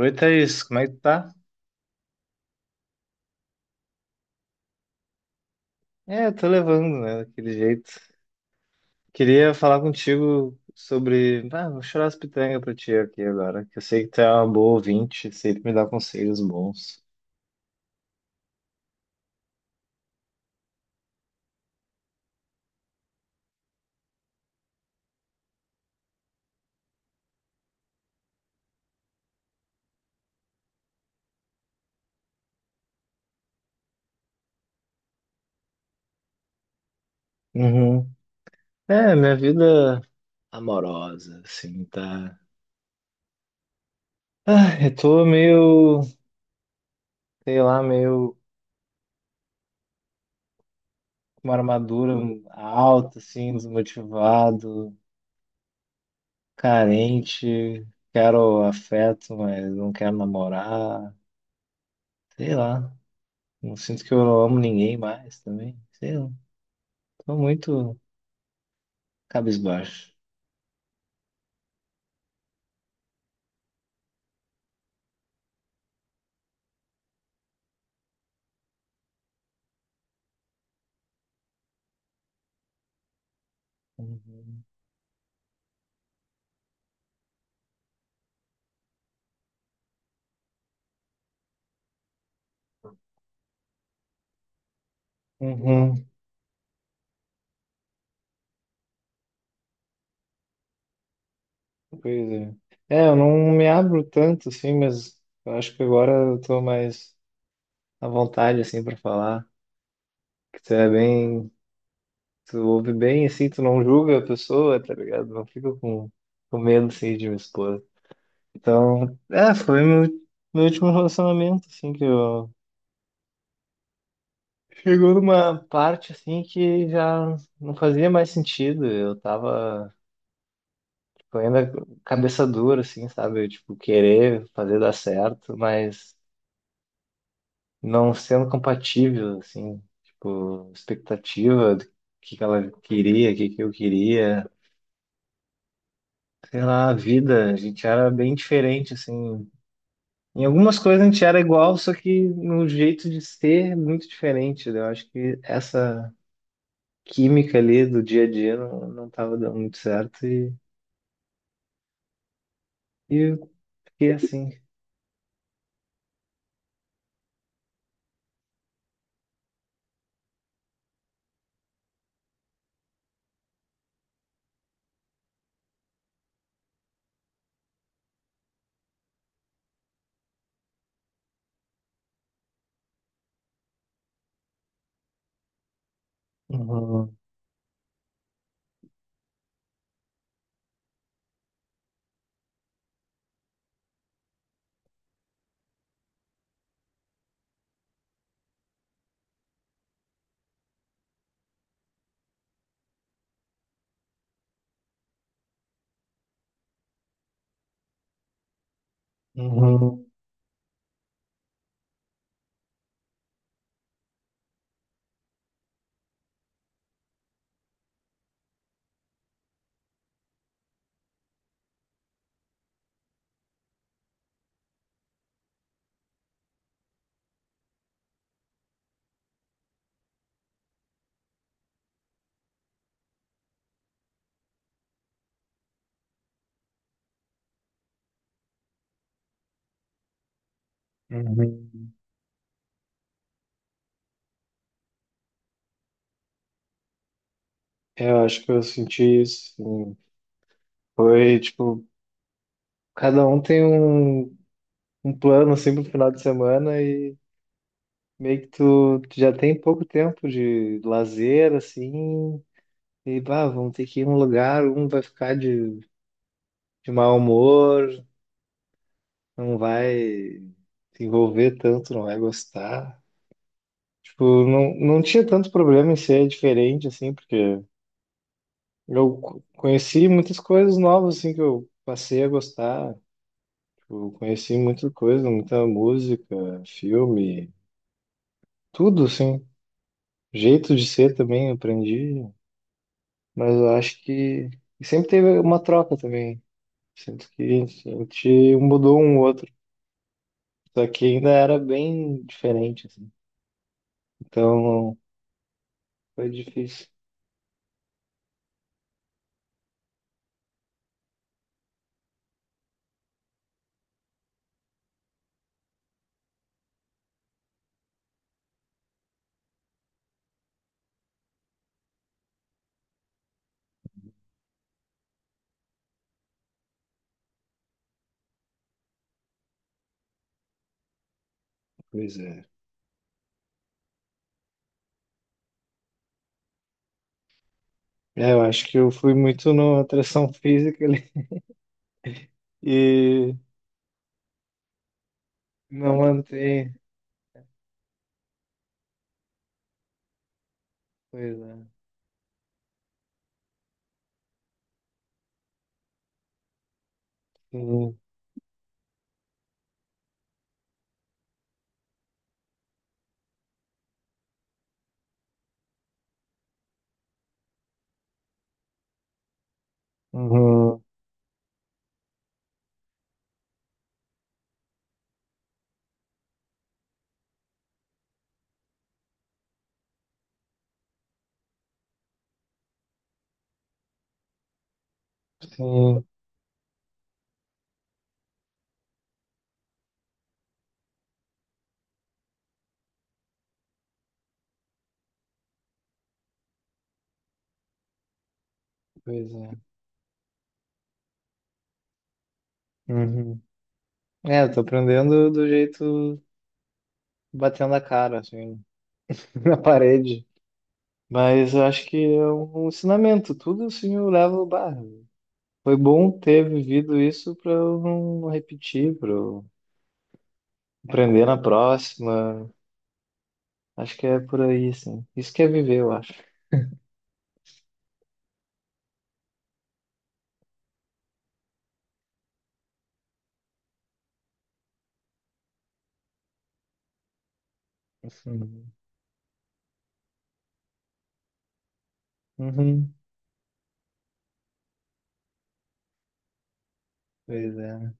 Oi, Thaís, como é que tu tá? É, eu tô levando, né, daquele jeito. Queria falar contigo sobre... Ah, vou chorar as pitangas pra ti aqui agora, que eu sei que tu é uma boa ouvinte, sempre me dá conselhos bons. Uhum. É, minha vida amorosa, assim, tá... Ah, eu tô meio, sei lá, meio com uma armadura alta, assim, desmotivado, carente, quero afeto, mas não quero namorar, sei lá. Não sinto que eu não amo ninguém mais também. Sei lá. Tô muito cabisbaixo. Uhum. Uhum. Pois é. É, eu não me abro tanto, assim, mas eu acho que agora eu tô mais à vontade, assim, pra falar. Que tu é bem, tu ouve bem, assim, tu não julga a pessoa, tá ligado? Não fica com medo, assim, de me expor. Então, é, foi meu último relacionamento, assim, que eu chegou numa parte assim que já não fazia mais sentido. Eu tava, tipo, ainda cabeça dura, assim, sabe? Eu, tipo, querer fazer dar certo, mas não sendo compatível, assim, tipo, expectativa do que ela queria, o que que eu queria. Sei lá, a vida, a gente era bem diferente, assim. Em algumas coisas a gente era igual, só que no jeito de ser, muito diferente, né? Eu acho que essa química ali do dia a dia não tava dando muito certo, e eu fiquei assim. Uhum, uhum, uhum. Eu acho que eu senti isso, sim. Foi tipo, cada um tem um plano assim pro final de semana e meio que tu já tem pouco tempo de lazer assim. E bah, vamos ter que ir em um lugar, um vai ficar de mau humor, não vai se envolver tanto, não vai gostar. Tipo, não tinha tanto problema em ser diferente, assim, porque eu conheci muitas coisas novas, assim, que eu passei a gostar. Tipo, conheci muita coisa, muita música, filme, tudo, assim. Jeito de ser também, eu aprendi. Mas eu acho que e sempre teve uma troca também. Sinto que a gente mudou um outro. Só que ainda era bem diferente, assim. Então, foi difícil. Pois é. É, eu acho que eu fui muito na atração física ali. E não mantém. Pois é. Sim. Uhum. Sim. Pois é. Uhum. É, eu tô aprendendo do jeito batendo a cara, assim, na parede. Mas eu acho que é um ensinamento. Tudo assim eu levo. Bah, foi bom ter vivido isso pra eu não repetir, pra eu aprender na próxima. Acho que é por aí, sim. Isso que é viver, eu acho. Uhum. Uhum. Pois é.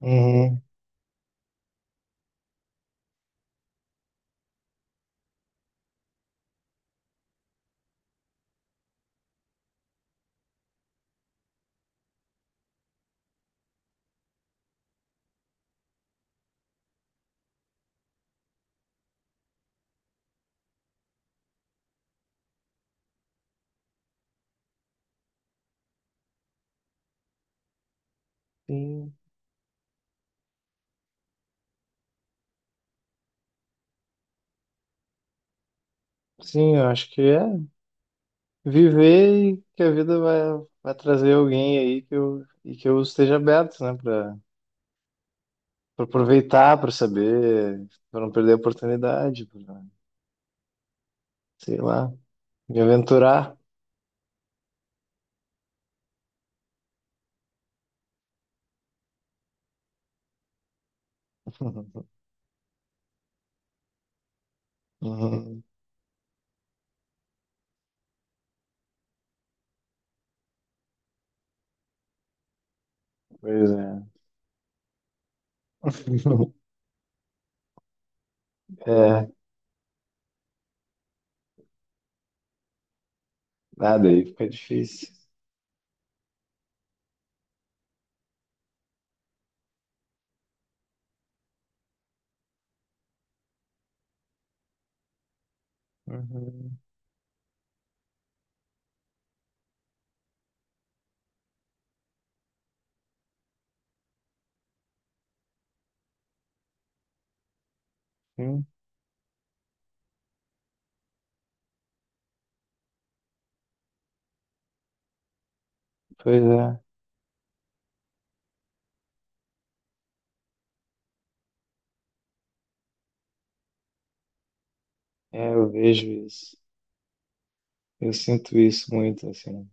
Uhum. Sim, sim, eu acho que é viver, e que a vida vai, vai trazer alguém aí que eu, e que eu esteja aberto, né, para aproveitar, para saber, para não perder a oportunidade, pra, sei lá, me aventurar. Uhum. Pois é. É, nada aí fica difícil. Uhum. Hum, pois é. É, eu vejo isso. Eu sinto isso muito, assim.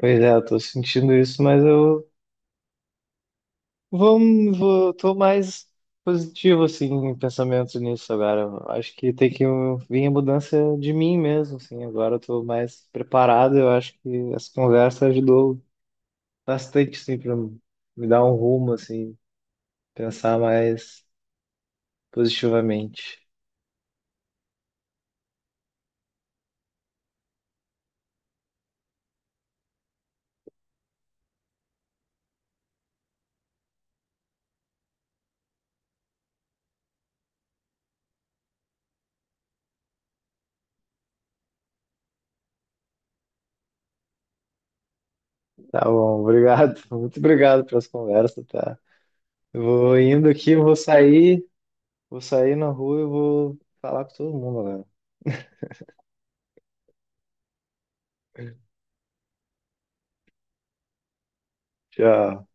Pois é, eu tô sentindo isso, mas eu vamos, vou, tô mais positivo, assim, em pensamento nisso agora. Eu acho que tem que vir a mudança de mim mesmo, assim. Agora eu tô mais preparado. Eu acho que essa conversa ajudou bastante, assim, pra me dar um rumo, assim, pensar mais positivamente. Tá bom, obrigado. Muito obrigado pelas conversas, tá? Eu vou indo aqui, eu vou sair na rua e vou falar com todo mundo, né? Tchau.